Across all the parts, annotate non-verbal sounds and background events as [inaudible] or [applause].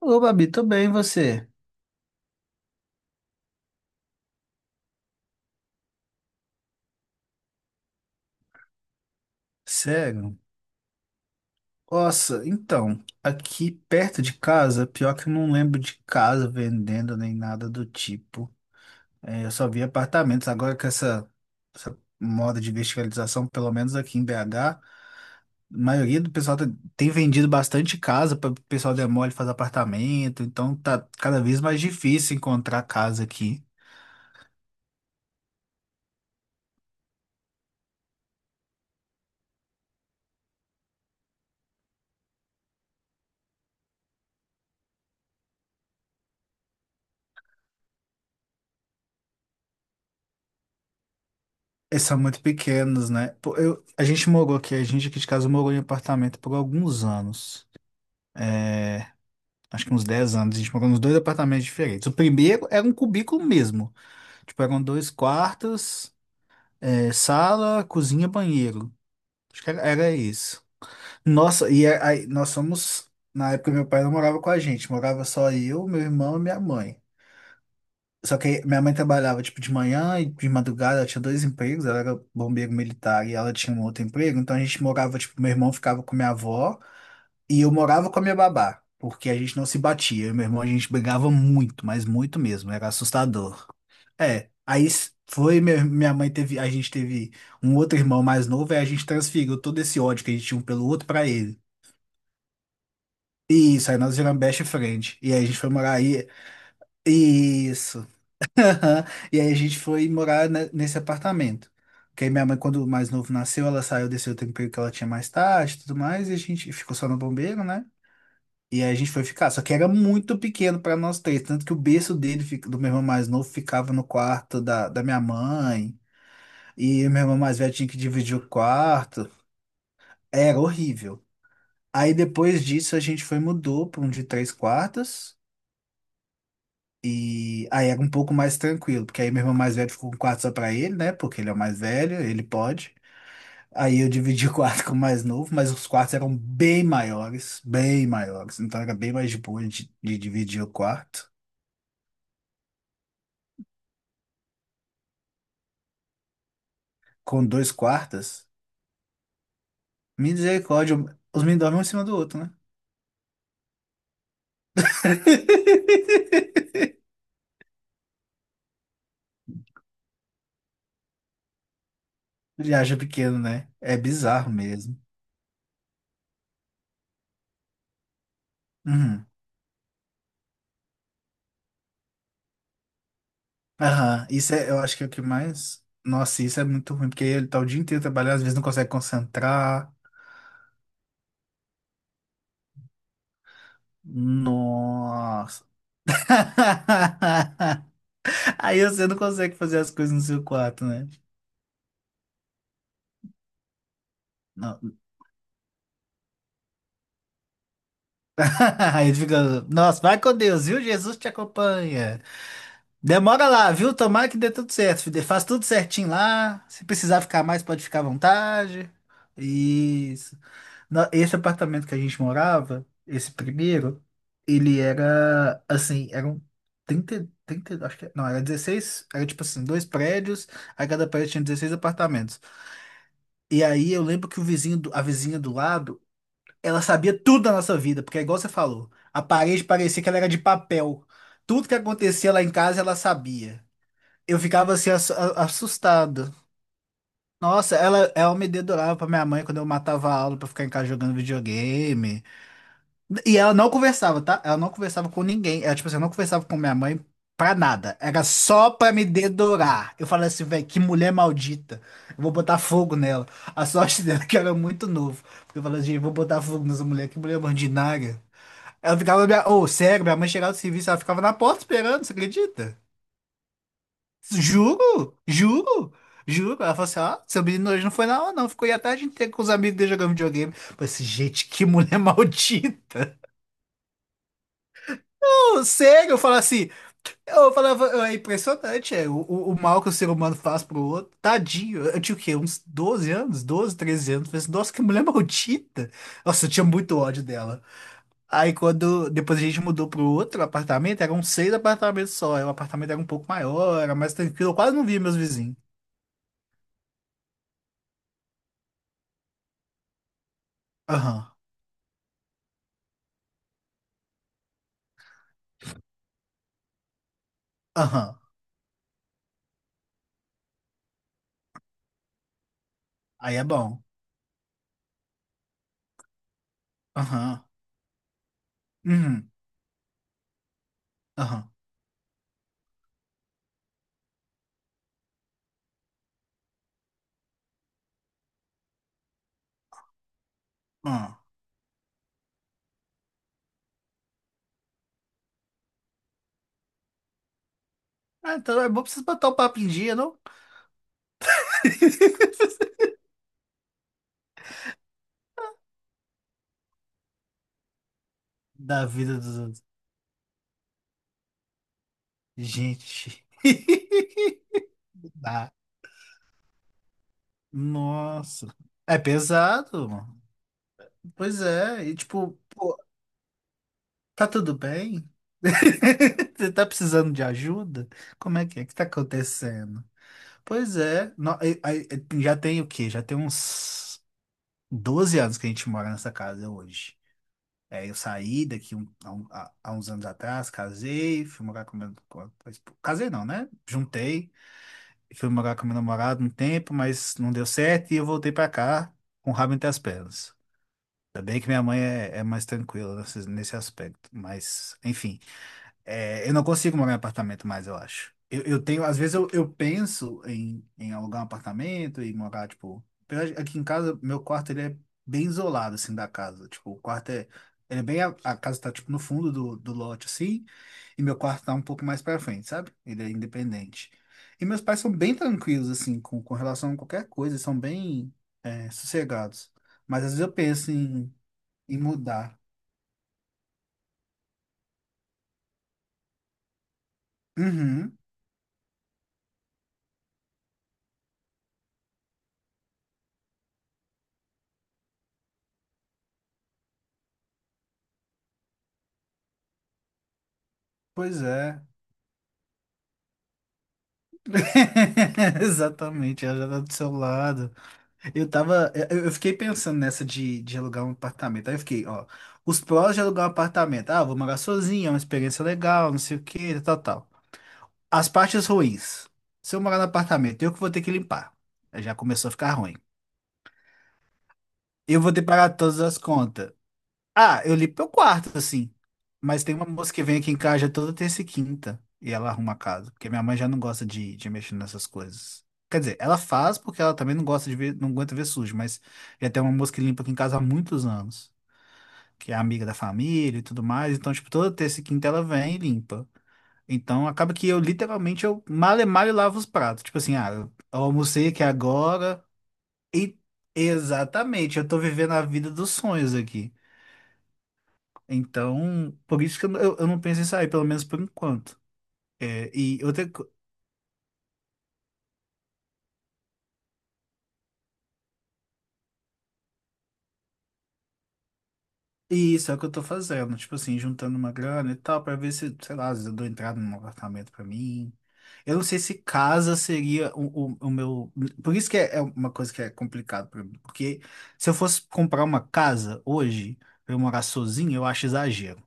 Ô, Babi, tô bem, e você? Sério? Nossa, então, aqui perto de casa, pior que eu não lembro de casa vendendo nem nada do tipo. É, eu só vi apartamentos. Agora com essa moda de verticalização, pelo menos aqui em BH, a maioria do pessoal tem vendido bastante casa para o pessoal demole fazer apartamento. Então tá cada vez mais difícil encontrar casa aqui. E são muito pequenos, né? Pô, a gente morou aqui, a gente aqui de casa morou em apartamento por alguns anos. Acho que uns 10 anos, a gente morou nos dois apartamentos diferentes. O primeiro era um cubículo mesmo. Tipo, eram dois quartos, sala, cozinha, banheiro. Acho que era isso. Nossa, e aí nós somos. Na época, meu pai não morava com a gente, morava só eu, meu irmão e minha mãe. Só que minha mãe trabalhava, tipo, de manhã e de madrugada, ela tinha dois empregos, ela era bombeiro militar e ela tinha um outro emprego, então a gente morava, tipo, meu irmão ficava com minha avó. E eu morava com a minha babá, porque a gente não se batia. Eu e meu irmão, a gente brigava muito, mas muito mesmo, era assustador. É, aí s- foi, meu- Minha mãe teve, a gente teve um outro irmão mais novo, aí a gente transferiu todo esse ódio que a gente tinha um pelo outro pra ele. E isso, aí nós viramos best friend. E aí a gente foi morar aí. Isso. [laughs] Aham. E aí a gente foi morar nesse apartamento. Porque aí minha mãe, quando o mais novo nasceu, ela saiu desse outro emprego que ela tinha mais tarde e tudo mais, e a gente ficou só no bombeiro, né? E aí a gente foi ficar, só que era muito pequeno para nós três, tanto que o berço dele, do meu irmão mais novo, ficava no quarto da minha mãe, e meu irmão mais velho tinha que dividir o quarto, era horrível. Aí depois disso a gente foi mudou para um de três quartos, e aí era um pouco mais tranquilo, porque aí meu irmão mais velho ficou com um quarto só para ele, né, porque ele é o mais velho, ele pode. Aí eu dividi o quarto [laughs] com o mais novo, mas os quartos eram bem maiores, então era bem mais de boa de dividir o quarto. Com dois quartas? Misericórdia, os meninos dormem um em cima do outro, né? [laughs] Ele acha pequeno, né? É bizarro mesmo. Uhum. Aham. Isso é, eu acho que é o que mais. Nossa, isso é muito ruim, porque ele tá o dia inteiro trabalhando, às vezes não consegue concentrar. Nossa. [laughs] Aí você não consegue fazer as coisas no seu quarto, né? Não. [laughs] Aí ele fica, nossa, vai com Deus, viu? Jesus te acompanha. Demora lá, viu? Tomara que dê tudo certo, filho. Faz tudo certinho lá. Se precisar ficar mais, pode ficar à vontade. Isso. Esse apartamento que a gente morava, esse primeiro, ele era assim, eram 30 30 acho que, não, era 16, era tipo assim, dois prédios, a cada prédio tinha 16 apartamentos. E aí eu lembro que a vizinha do lado, ela sabia tudo da nossa vida, porque é igual você falou, a parede parecia que ela era de papel. Tudo que acontecia lá em casa, ela sabia. Eu ficava assustado. Nossa, ela me dedurava pra minha mãe quando eu matava a aula pra ficar em casa jogando videogame. E ela não conversava, tá? Ela não conversava com ninguém. Ela, tipo assim, eu não conversava com minha mãe pra nada. Era só pra me dedurar. Eu falei assim, velho, que mulher maldita. Eu vou botar fogo nela. A sorte [laughs] dela é que eu era muito novo. Porque eu falei assim, vou botar fogo nessa mulher, que mulher ordinária. Ela ficava, minha... oh, sério, minha mãe chegava do serviço, ela ficava na porta esperando, você acredita? Juro, juro, juro. Ela falou assim: ó, seu menino hoje não foi na aula, não. Ficou aí a tarde inteira com os amigos dele jogando videogame. Eu falei assim, gente, que mulher [laughs] maldita. Pô, sério, eu falo assim, eu falava, é impressionante, é, o mal que o ser humano faz pro outro. Tadinho, eu tinha o quê? uns 12 anos, 12, 13 anos. Eu falei assim, nossa, que mulher maldita. Nossa, eu tinha muito ódio dela. Aí quando depois a gente mudou pro outro apartamento, eram 6 apartamentos só. Aí o apartamento era um pouco maior, era mais tranquilo, eu quase não via meus vizinhos. Aham, aham. Aí é bom. Aham. Uhum. Aham. Aham. Ah, então é bom pra vocês botar o papo em dia, não? [laughs] Da vida dos outros. Gente. [laughs] Tá. Nossa. É pesado, mano. Pois é. E tipo, pô, tá tudo bem? [laughs] Você tá precisando de ajuda? Como é que é? O que tá acontecendo? Pois é. Já tem o quê? Já tem uns 12 anos que a gente mora nessa casa hoje. Eu saí daqui há uns anos atrás, casei, fui morar com meu... com a- casei não, né? Juntei, fui morar com meu namorado um tempo, mas não deu certo e eu voltei pra cá com o rabo entre as pernas. Ainda bem que minha mãe é mais tranquila nesse aspecto, mas enfim. É, eu não consigo morar em apartamento mais, eu acho. Eu tenho, às vezes eu penso em alugar um apartamento e morar, tipo. Aqui em casa, meu quarto ele é bem isolado, assim, da casa. Tipo, o quarto é. Ele é bem. A casa tá, tipo, no fundo do lote, assim. E meu quarto tá um pouco mais pra frente, sabe? Ele é independente. E meus pais são bem tranquilos, assim, com relação a qualquer coisa. São bem, sossegados. Mas às vezes eu penso em mudar. Uhum, pois é. [laughs] Exatamente, ela já tá do seu lado. Eu tava, eu fiquei pensando nessa de alugar um apartamento. Aí eu fiquei, ó, os prós de alugar um apartamento. Ah, vou morar sozinho, é uma experiência legal, não sei o que tal, tal. As partes ruins. Se eu morar no apartamento, eu que vou ter que limpar. Aí já começou a ficar ruim. Eu vou ter que pagar todas as contas. Ah, eu li pro quarto, assim. Mas tem uma moça que vem aqui em casa já toda terça e quinta e ela arruma a casa, porque minha mãe já não gosta de mexer nessas coisas. Quer dizer, ela faz porque ela também não gosta de ver, não aguenta ver sujo, mas já tem uma moça que limpa aqui em casa há muitos anos, que é amiga da família e tudo mais. Então, tipo, toda terça e quinta ela vem e limpa. Então, acaba que eu literalmente eu mal e mal lavo os pratos. Tipo assim, ah, eu almocei aqui agora e exatamente, eu tô vivendo a vida dos sonhos aqui. Então, por isso que eu não penso em sair, pelo menos por enquanto. É, e outra, e isso é o que eu tô fazendo, tipo assim, juntando uma grana e tal, pra ver se, sei lá, às vezes eu dou entrada num apartamento pra mim. Eu não sei se casa seria o meu. Por isso que é uma coisa que é complicado pra mim. Porque se eu fosse comprar uma casa hoje, pra eu morar sozinho, eu acho exagero.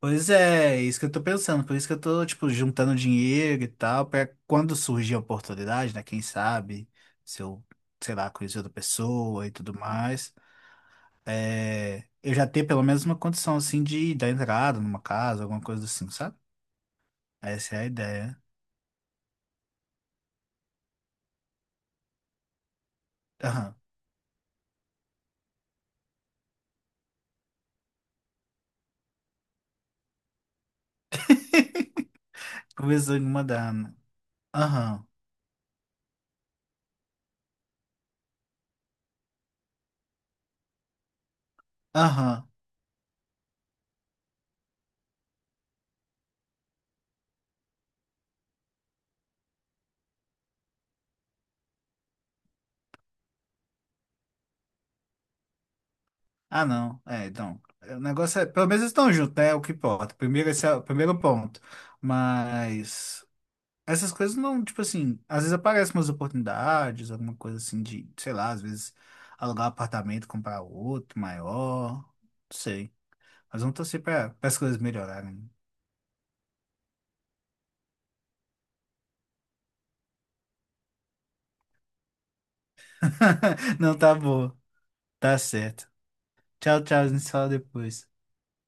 Pois é, isso que eu tô pensando. Por isso que eu tô, tipo, juntando dinheiro e tal, pra quando surgir a oportunidade, né? Quem sabe, se eu, sei lá, conhecer outra pessoa e tudo mais, eu já ter pelo menos uma condição, assim, de dar entrada numa casa, alguma coisa assim, sabe? Essa é a ideia. Aham. [laughs] Começou a me mandar, né? Aham. Aham. Ah, não. O negócio é. Pelo menos eles estão juntos, né? É o que importa. Primeiro, esse é o primeiro ponto. Mas. Essas coisas não, tipo assim, às vezes aparecem umas oportunidades, alguma coisa assim de, sei lá, às vezes alugar um apartamento, comprar outro maior, não sei. Mas vamos torcer para as coisas melhorarem. [laughs] Não tá boa, tá certo. Tchau, tchau, a gente se fala depois.